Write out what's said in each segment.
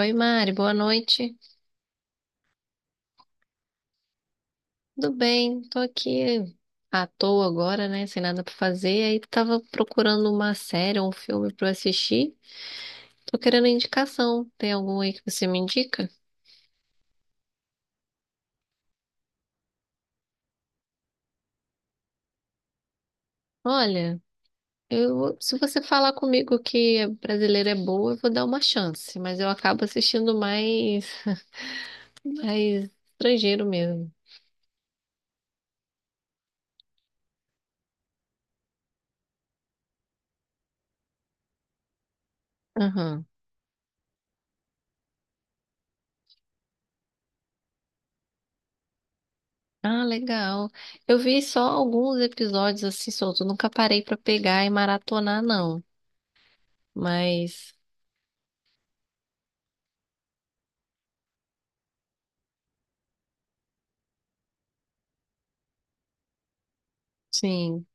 Oi, Mari, boa noite. Tudo bem? Tô aqui à toa agora, né? Sem nada pra fazer. Aí tava procurando uma série, um filme pra eu assistir. Tô querendo indicação. Tem algum aí que você me indica? Olha, eu, se você falar comigo que é brasileira é boa, eu vou dar uma chance, mas eu acabo assistindo mais, mais estrangeiro mesmo. Aham. Ah, legal. Eu vi só alguns episódios assim soltos, nunca parei pra pegar e maratonar, não. Mas sim,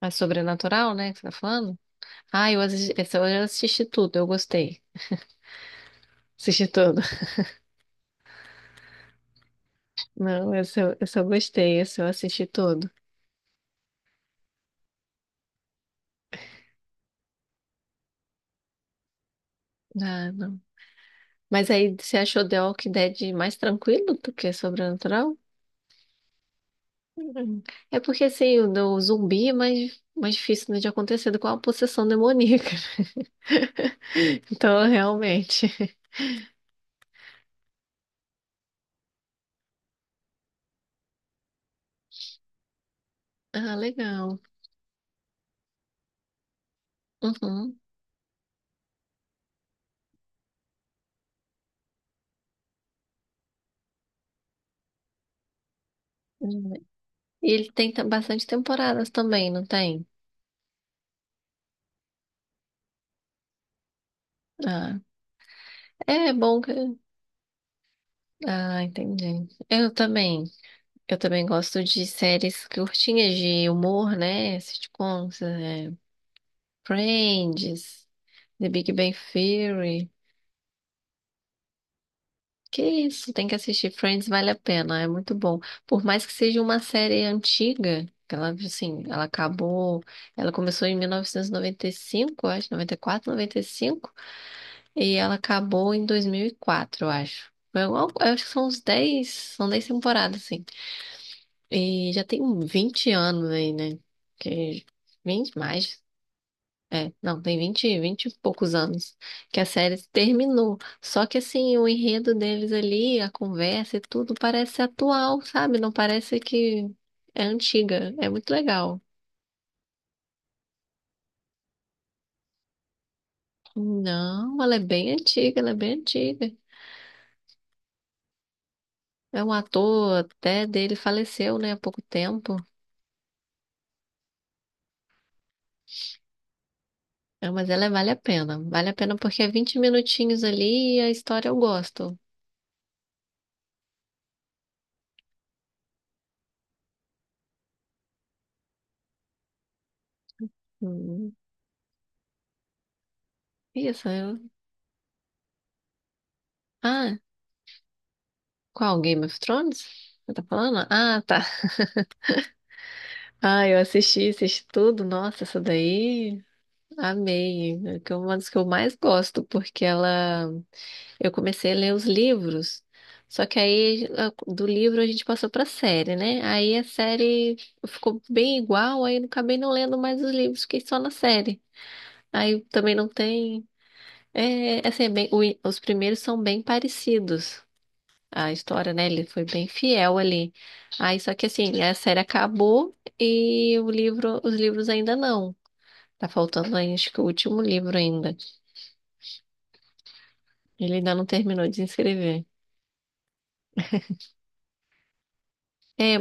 mas sobrenatural, né, que você tá falando? Ah, eu assisti, esse eu assisti tudo, eu gostei. Assisti tudo. Não, esse eu gostei, esse eu assisti tudo. Ah, não. Mas aí você achou The Walking Dead mais tranquilo do que sobrenatural? Hum. É porque assim, o do zumbi é mais, mais difícil né, de acontecer do que uma possessão demoníaca. Então, realmente. Ah, legal. Uhum. Hum. E ele tem bastante temporadas também, não tem? Ah, é bom que. Ah, entendi. Eu também. Eu também gosto de séries curtinhas de humor, né? Sitcoms, é, Friends, The Big Bang Theory. Que isso, tem que assistir Friends, vale a pena, é muito bom. Por mais que seja uma série antiga, que ela, assim, ela acabou, ela começou em 1995, eu acho, 94, 95, e cinco, e ela acabou em 2004, eu acho. Eu acho que são uns 10, são 10 temporadas, assim. E já tem um 20 anos aí, né? Que 20 mais. É, não, tem 20, 20 e poucos anos que a série terminou. Só que assim, o enredo deles ali, a conversa e tudo parece atual, sabe? Não parece que é antiga. É muito legal. Não, ela é bem antiga, ela é bem antiga. É um ator até dele faleceu, né, há pouco tempo. É, mas ela é, vale a pena. Vale a pena porque é 20 minutinhos ali e a história eu gosto. Hum. Isso. Ah, qual? Game of Thrones? Você tá falando? Ah, tá. Ah, eu assisti, assisti tudo. Nossa, essa daí amei. É que é uma das que eu mais gosto, porque ela. Eu comecei a ler os livros, só que aí do livro a gente passou pra série, né? Aí a série ficou bem igual, aí eu acabei não lendo mais os livros, fiquei só na série. Aí também não tem. É, assim, os primeiros são bem parecidos. A história, né? Ele foi bem fiel ali. Aí, só que assim, a série acabou e o livro, os livros ainda não. Tá faltando, aí, acho que o último livro ainda. Ele ainda não terminou de escrever. É,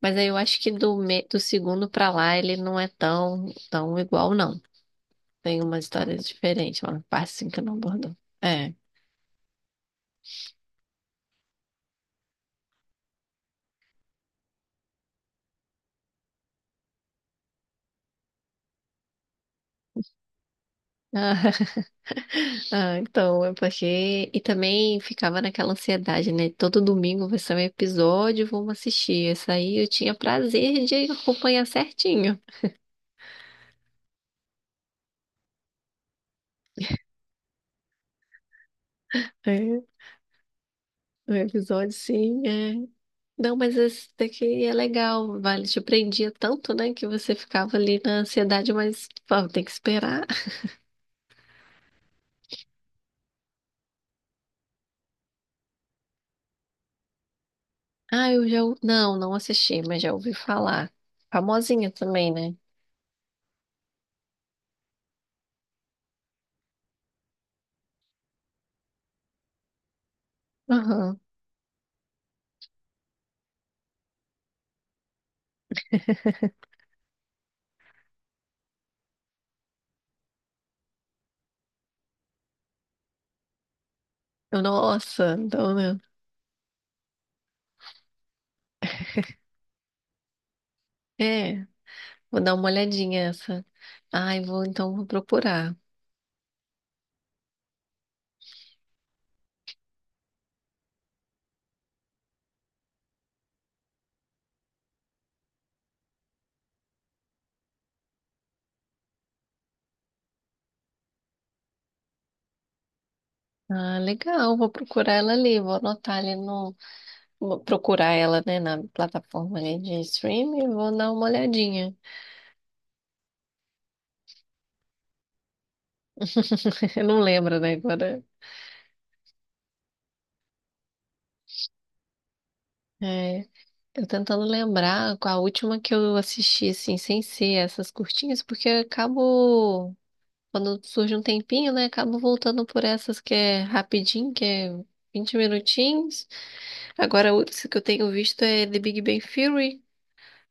mas aí eu acho que do segundo pra lá ele não é tão igual, não. Tem umas histórias diferentes, uma parte assim que não abordou. É. Ah, então, é porque. E também ficava naquela ansiedade, né? Todo domingo vai ser um episódio, vamos assistir. Esse aí eu tinha prazer de acompanhar certinho. É, o episódio sim, é. Não, mas esse daqui é legal, vale. Te prendia tanto, né? Que você ficava ali na ansiedade, mas pô, tem que esperar. Ah, eu já. Não, não assisti, mas já ouvi falar. Famosinha também, né? Aham. Eu, nossa, então, né? É. Vou dar uma olhadinha essa. Ai, vou então vou procurar. Ah, legal, vou procurar ela ali, vou anotar ali no. Vou procurar ela, né, na plataforma ali de streaming, e vou dar uma olhadinha. Eu não lembro, né, agora. É, eu tentando lembrar qual a última que eu assisti, assim, sem ser essas curtinhas, porque eu acabo, quando surge um tempinho, né, acabo voltando por essas que é rapidinho, que é 20 minutinhos. Agora, a outra que eu tenho visto é The Big Bang Theory.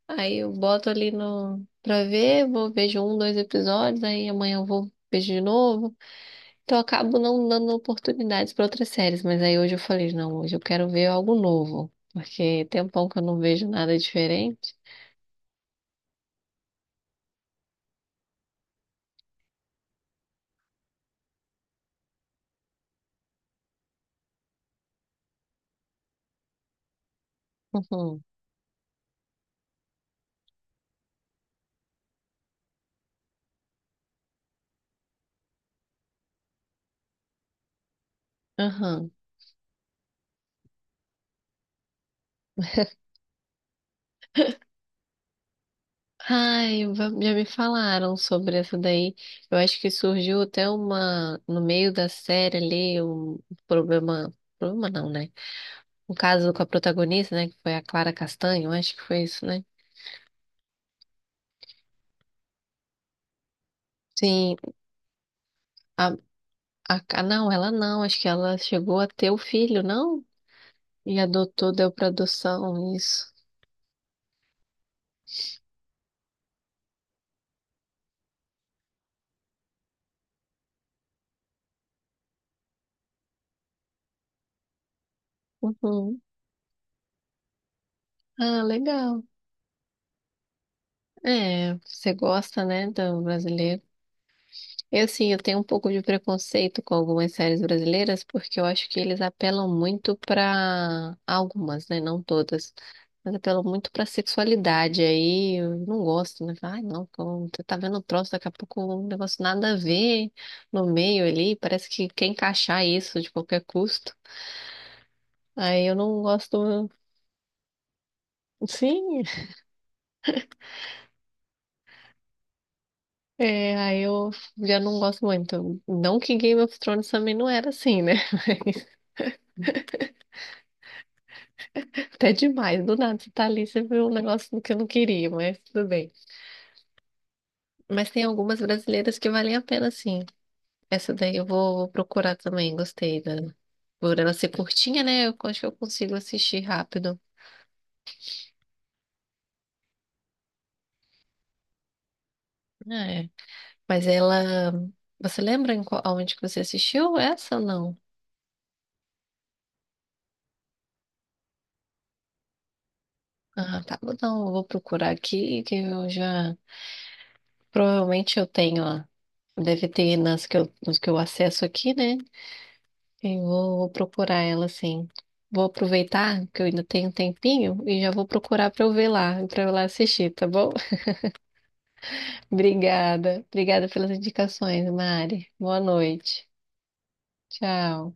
Aí eu boto ali no pra ver, vou vejo um, dois episódios, aí amanhã eu vou vejo de novo. Então eu acabo não dando oportunidades para outras séries, mas aí hoje eu falei, não, hoje eu quero ver algo novo, porque tem um tempão que eu não vejo nada diferente. Uhum. Aham. Ai, já me falaram sobre essa daí. Eu acho que surgiu até uma no meio da série ali um problema, problema não, né? Um caso com a protagonista, né, que foi a Clara Castanho, eu acho que foi isso, né? Sim, a não, ela não. Acho que ela chegou a ter o filho, não? E adotou, deu para adoção, isso. Uhum. Ah, legal. É, você gosta, né, do brasileiro? Eu sim, eu tenho um pouco de preconceito com algumas séries brasileiras, porque eu acho que eles apelam muito para algumas, né? Não todas, mas apelam muito para sexualidade. Aí eu não gosto, né? Falo, ai, não, como você tá vendo o troço, daqui a pouco um negócio nada a ver no meio ali, parece que quer encaixar isso de qualquer custo. Aí eu não gosto. Sim, é, aí eu já não gosto muito. Não que Game of Thrones também não era assim, né? Até demais, do nada você tá ali, você viu um negócio que eu não queria, mas tudo bem. Mas tem algumas brasileiras que valem a pena, sim. Essa daí eu vou, vou procurar também, gostei dela. Por ela ser curtinha, né? Eu acho que eu consigo assistir rápido. É. Mas ela. Você lembra em qual, aonde que você assistiu essa ou não? Ah, tá. Não, eu vou procurar aqui, que eu já. Provavelmente eu tenho, ó. Deve ter nas que eu, nos que eu acesso aqui, né? Eu vou procurar ela, sim. Vou aproveitar que eu ainda tenho um tempinho e já vou procurar pra eu ver lá, pra eu lá assistir, tá bom? Obrigada. Obrigada pelas indicações, Mari. Boa noite. Tchau.